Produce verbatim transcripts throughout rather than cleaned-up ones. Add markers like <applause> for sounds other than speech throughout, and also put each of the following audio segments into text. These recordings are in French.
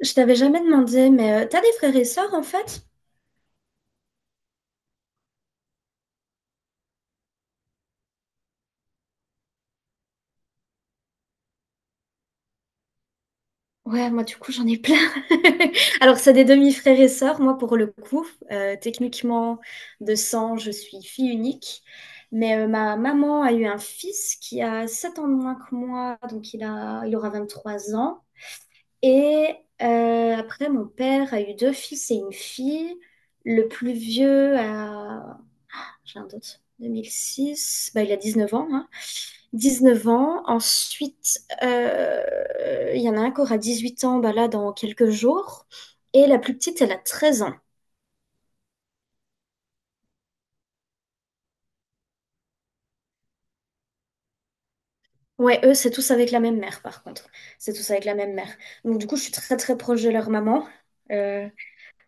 Je t'avais jamais demandé, mais euh, t'as des frères et sœurs en fait? Ouais, moi du coup j'en ai plein. <laughs> Alors c'est des demi-frères et sœurs, moi pour le coup. Euh, techniquement de sang, je suis fille unique. Mais euh, ma maman a eu un fils qui a sept ans de moins que moi, donc il a, il aura vingt trois ans. Et euh, après mon père a eu deux fils et une fille. Le plus vieux a, j'ai un doute, deux mille six, bah, il a dix neuf ans, hein. dix-neuf ans. Ensuite, euh, il y en a un qui aura dix-huit ans bah là, dans quelques jours. Et la plus petite, elle a treize ans. Ouais, eux, c'est tous avec la même mère, par contre. C'est tous avec la même mère. Donc, du coup, je suis très, très proche de leur maman. Euh,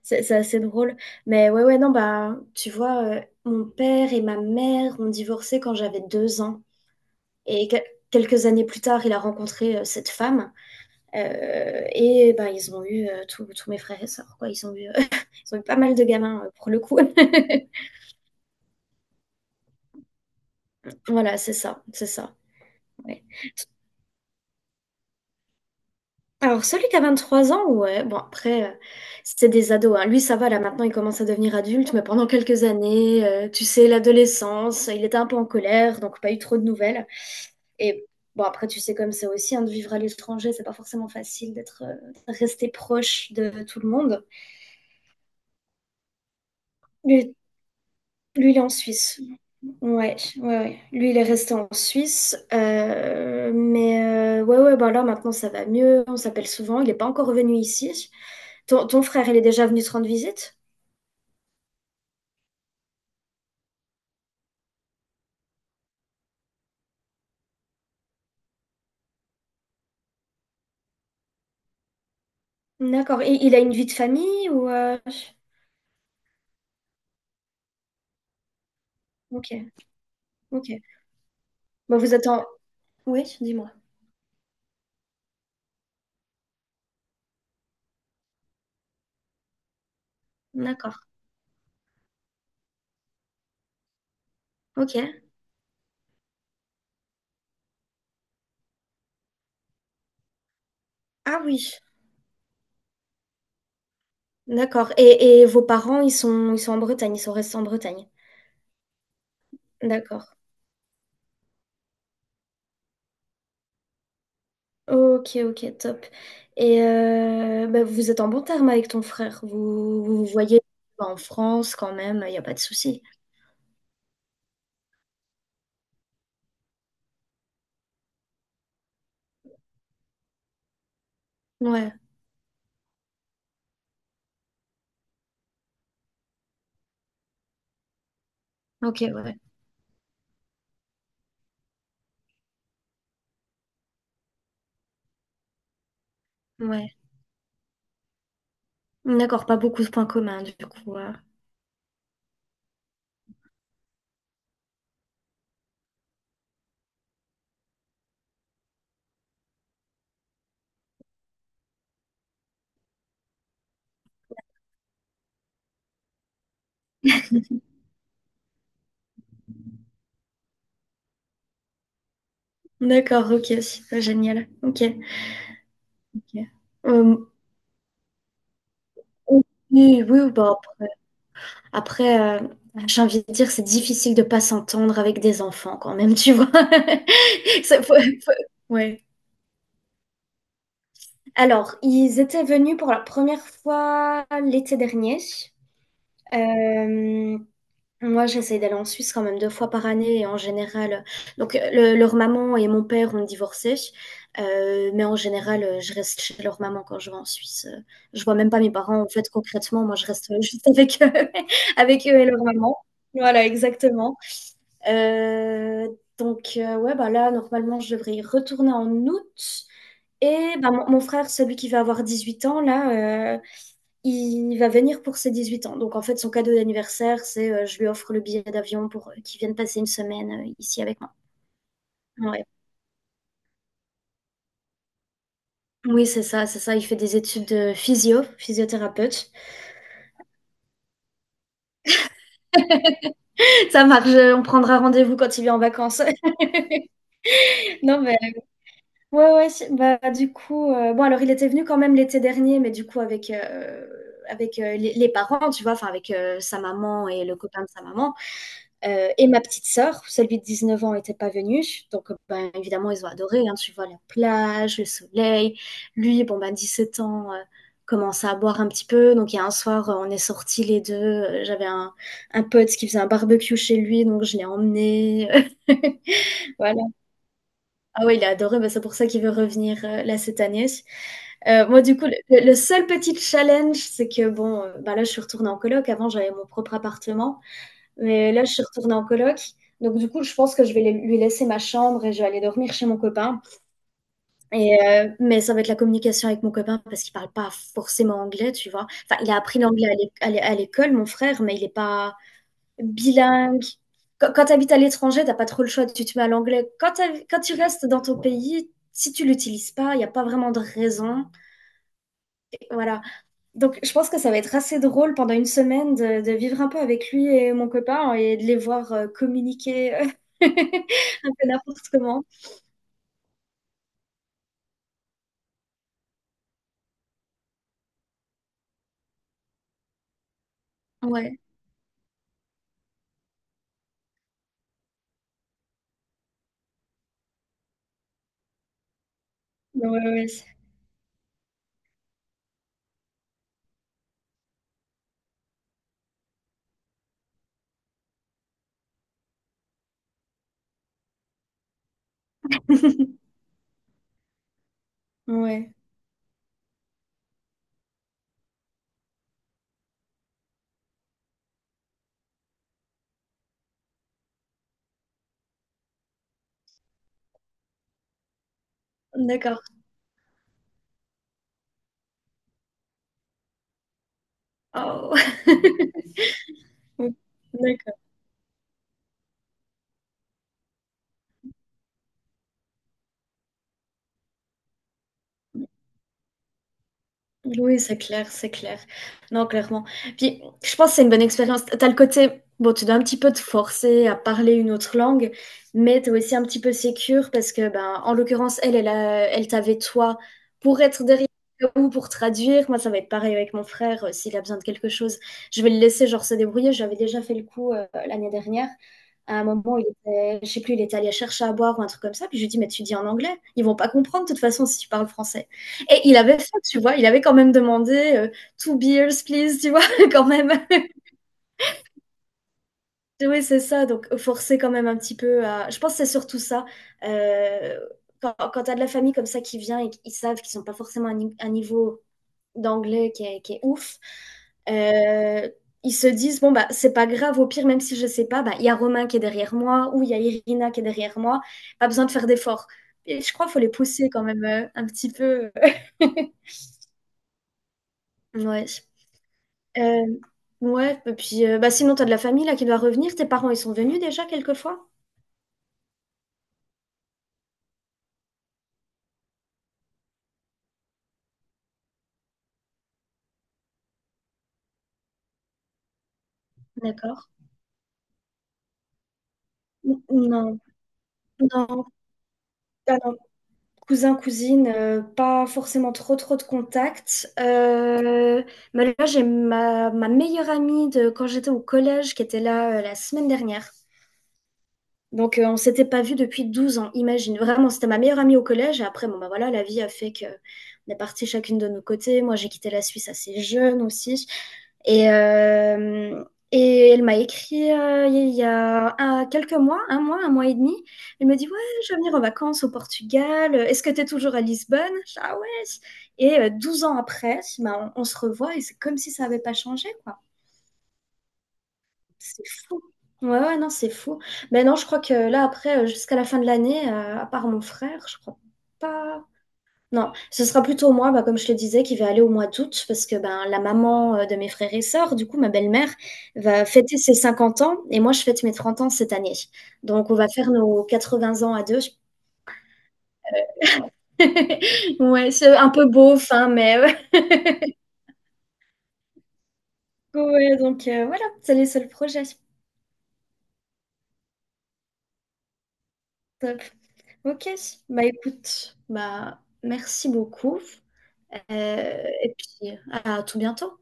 c'est c'est assez drôle. Mais ouais, ouais, non, bah, tu vois, euh, mon père et ma mère ont divorcé quand j'avais deux ans. Et que- quelques années plus tard, il a rencontré euh, cette femme. Euh, et ben, ils ont eu euh, tous tous mes frères et sœurs, quoi. Ils ont eu, euh, <laughs> ils ont eu pas mal de gamins euh, pour le coup. <laughs> Voilà, c'est ça, c'est ça. Ouais. Alors, celui qui a vingt trois ans, ouais, bon, après, euh, c'est des ados, hein. Lui, ça va, là, maintenant, il commence à devenir adulte, mais pendant quelques années, euh, tu sais, l'adolescence, il était un peu en colère, donc pas eu trop de nouvelles. Et bon, après, tu sais, comme c'est aussi, hein, de vivre à l'étranger, c'est pas forcément facile d'être, euh, de rester proche de tout le monde. Lui, lui, il est en Suisse. Ouais, ouais, ouais. Lui, il est resté en Suisse, euh, mais euh, ouais, ouais, bah là maintenant ça va mieux, on s'appelle souvent, il n'est pas encore revenu ici. Ton, ton frère, il est déjà venu te rendre visite? D'accord, et il a une vie de famille ou... euh, Ok, ok. Bah vous êtes en... Oui, dis-moi. D'accord, ok. Ah oui, d'accord. Et, et vos parents, ils sont, ils sont en Bretagne, ils sont restés en Bretagne. D'accord. Ok, ok, top. Et euh, bah, vous êtes en bon terme avec ton frère. Vous vous, vous voyez en France quand même, il n'y a pas de souci. Ouais, ok, ouais, ouais. D'accord, pas beaucoup de points communs du coup. Ouais. D'accord, ok, super, génial. Ok. Ok. Euh, oui, oui, bah, après, après, euh, j'ai envie de dire, c'est difficile de pas s'entendre avec des enfants quand même, tu vois. <laughs> Ça, faut- faut- Ouais. Alors, ils étaient venus pour la première fois l'été dernier. Euh, Moi, j'essaie d'aller en Suisse quand même deux fois par année et en général. Donc, euh, le- leur maman et mon père ont divorcé, euh, mais en général, euh, je reste chez leur maman quand je vais en Suisse. Euh, Je vois même pas mes parents en fait concrètement. Moi, je reste <laughs> euh, juste avec eux, <laughs> avec eux et leur maman. Voilà, exactement. Euh, donc, euh, ouais, bah là, normalement, je devrais y retourner en août. Et bah, mon, mon frère, celui qui va avoir dix-huit ans, là, euh, il va venir pour ses dix-huit ans. Donc, en fait, son cadeau d'anniversaire, c'est euh, je lui offre le billet d'avion pour euh, qu'il vienne passer une semaine euh, ici avec moi. Ouais. Oui, c'est ça, c'est ça. Il fait des études de physio, physiothérapeute. <laughs> Ça marche, euh, on prendra rendez-vous quand il vient en vacances. <laughs> Non, mais ouais, ouais. si- Bah, du coup, euh, bon, alors il était venu quand même l'été dernier, mais du coup, avec, euh, avec euh, les, les parents, tu vois, enfin, avec euh, sa maman et le copain de sa maman. Euh, et ma petite sœur, celui de dix-neuf ans, n'était pas venu. Donc, euh, ben, évidemment, ils ont adoré, hein. Tu vois, la plage, le soleil. Lui, bon, ben, dix-sept ans, euh, commence à boire un petit peu. Donc, il y a un soir, euh, on est sortis les deux. Euh, J'avais un, un pote qui faisait un barbecue chez lui, donc je l'ai emmené. <laughs> Voilà. Ah oui, il a adoré. Ben, c'est pour ça qu'il veut revenir euh, là cette année. Euh, moi, du coup, le, le- le seul petit challenge, c'est que, bon, euh, ben là, je suis retournée en coloc. Avant, j'avais mon propre appartement. Mais là, je suis retournée en coloc. Donc, du coup, je pense que je vais lui laisser ma chambre et je vais aller dormir chez mon copain. Et, euh, mais ça va être la communication avec mon copain parce qu'il parle pas forcément anglais, tu vois. Enfin, il a appris l'anglais à l'é- à l'é- à l'école, mon frère, mais il n'est pas bilingue. Quand, quand tu habites à l'étranger, t'as pas trop le choix, tu te mets à l'anglais. Quand, t'as- quand tu restes dans ton pays, si tu l'utilises pas, il n'y a pas vraiment de raison. Voilà. Donc, je pense que ça va être assez drôle pendant une semaine de, de vivre un peu avec lui et mon copain et de les voir euh, communiquer euh, <laughs> un peu n'importe comment. Ouais, ouais, ouais. Ouais, d'accord. Oh. <laughs> D'accord. Oui, c'est clair, c'est clair. Non, clairement. Puis, je pense que c'est une bonne expérience. T'as le côté, bon, tu dois un petit peu te forcer à parler une autre langue, mais t'es aussi un petit peu sécure parce que, ben, en l'occurrence, elle, elle, a- elle t'avait toi pour être derrière ou pour traduire. Moi, ça va être pareil avec mon frère, euh, s'il a besoin de quelque chose, je vais le laisser, genre, se débrouiller. J'avais déjà fait le coup, euh, l'année dernière. À un moment, il était, je sais plus, il était allé chercher à boire ou un truc comme ça. Puis je lui dis, mais tu dis en anglais. Ils vont pas comprendre de toute façon si tu parles français. Et il avait fait, tu vois, il avait quand même demandé euh, two beers, please, tu vois, <laughs> quand même. <laughs> Oui, c'est ça, donc forcer quand même un petit peu à. Je pense que c'est surtout ça. Euh, quand quand tu as de la famille comme ça qui vient et qu'ils savent qu'ils sont pas forcément à un ni- un niveau d'anglais qui est, qui est ouf, euh, ils se disent, bon, bah, c'est pas grave, au pire, même si je sais pas, bah, il y a Romain qui est derrière moi ou il y a Irina qui est derrière moi, pas besoin de faire d'efforts. Et je crois qu'il faut les pousser quand même euh, un petit peu. <laughs> Ouais. Euh, ouais, et puis euh, bah, sinon, t'as de la famille là qui doit revenir. Tes parents, ils sont venus déjà quelquefois? D'accord. N- Non, non, pas non. Cousin, cousine, euh, pas forcément trop trop de contacts. Euh, mais là, j'ai ma, ma meilleure amie de quand j'étais au collège qui était là euh, la semaine dernière. Donc, euh, on s'était pas vu depuis douze ans, imagine. Vraiment, c'était ma meilleure amie au collège. Et après, bon, bah voilà, la vie a fait que on est partis chacune de nos côtés. Moi, j'ai quitté la Suisse assez jeune aussi. Et, euh, et elle m'a écrit euh, il y a un- quelques mois, un mois, un mois et demi. Elle me dit, ouais, je vais venir en vacances au Portugal. Est-ce que tu es toujours à Lisbonne? Je dis, ah ouais. Et euh, douze ans après, bah, on, on se revoit et c'est comme si ça n'avait pas changé, quoi. C'est fou. Ouais, ouais, non, c'est fou. Mais non, je crois que là, après, euh, jusqu'à la fin de l'année, euh, à part mon frère, je crois pas. Non, ce sera plutôt moi, bah, comme je le disais, qui vais aller au mois d'août, parce que ben, la maman euh, de mes frères et sœurs, du coup, ma belle-mère, va fêter ses cinquante ans, et moi, je fête mes trente ans cette année. Donc, on va faire nos quatre-vingts ans à deux. <laughs> Ouais, c'est un peu beau fin mais ouais. Ouais, donc euh, voilà, c'est les seuls projets. Top. Ok, bah écoute, bah merci beaucoup. Euh, et puis, à tout bientôt.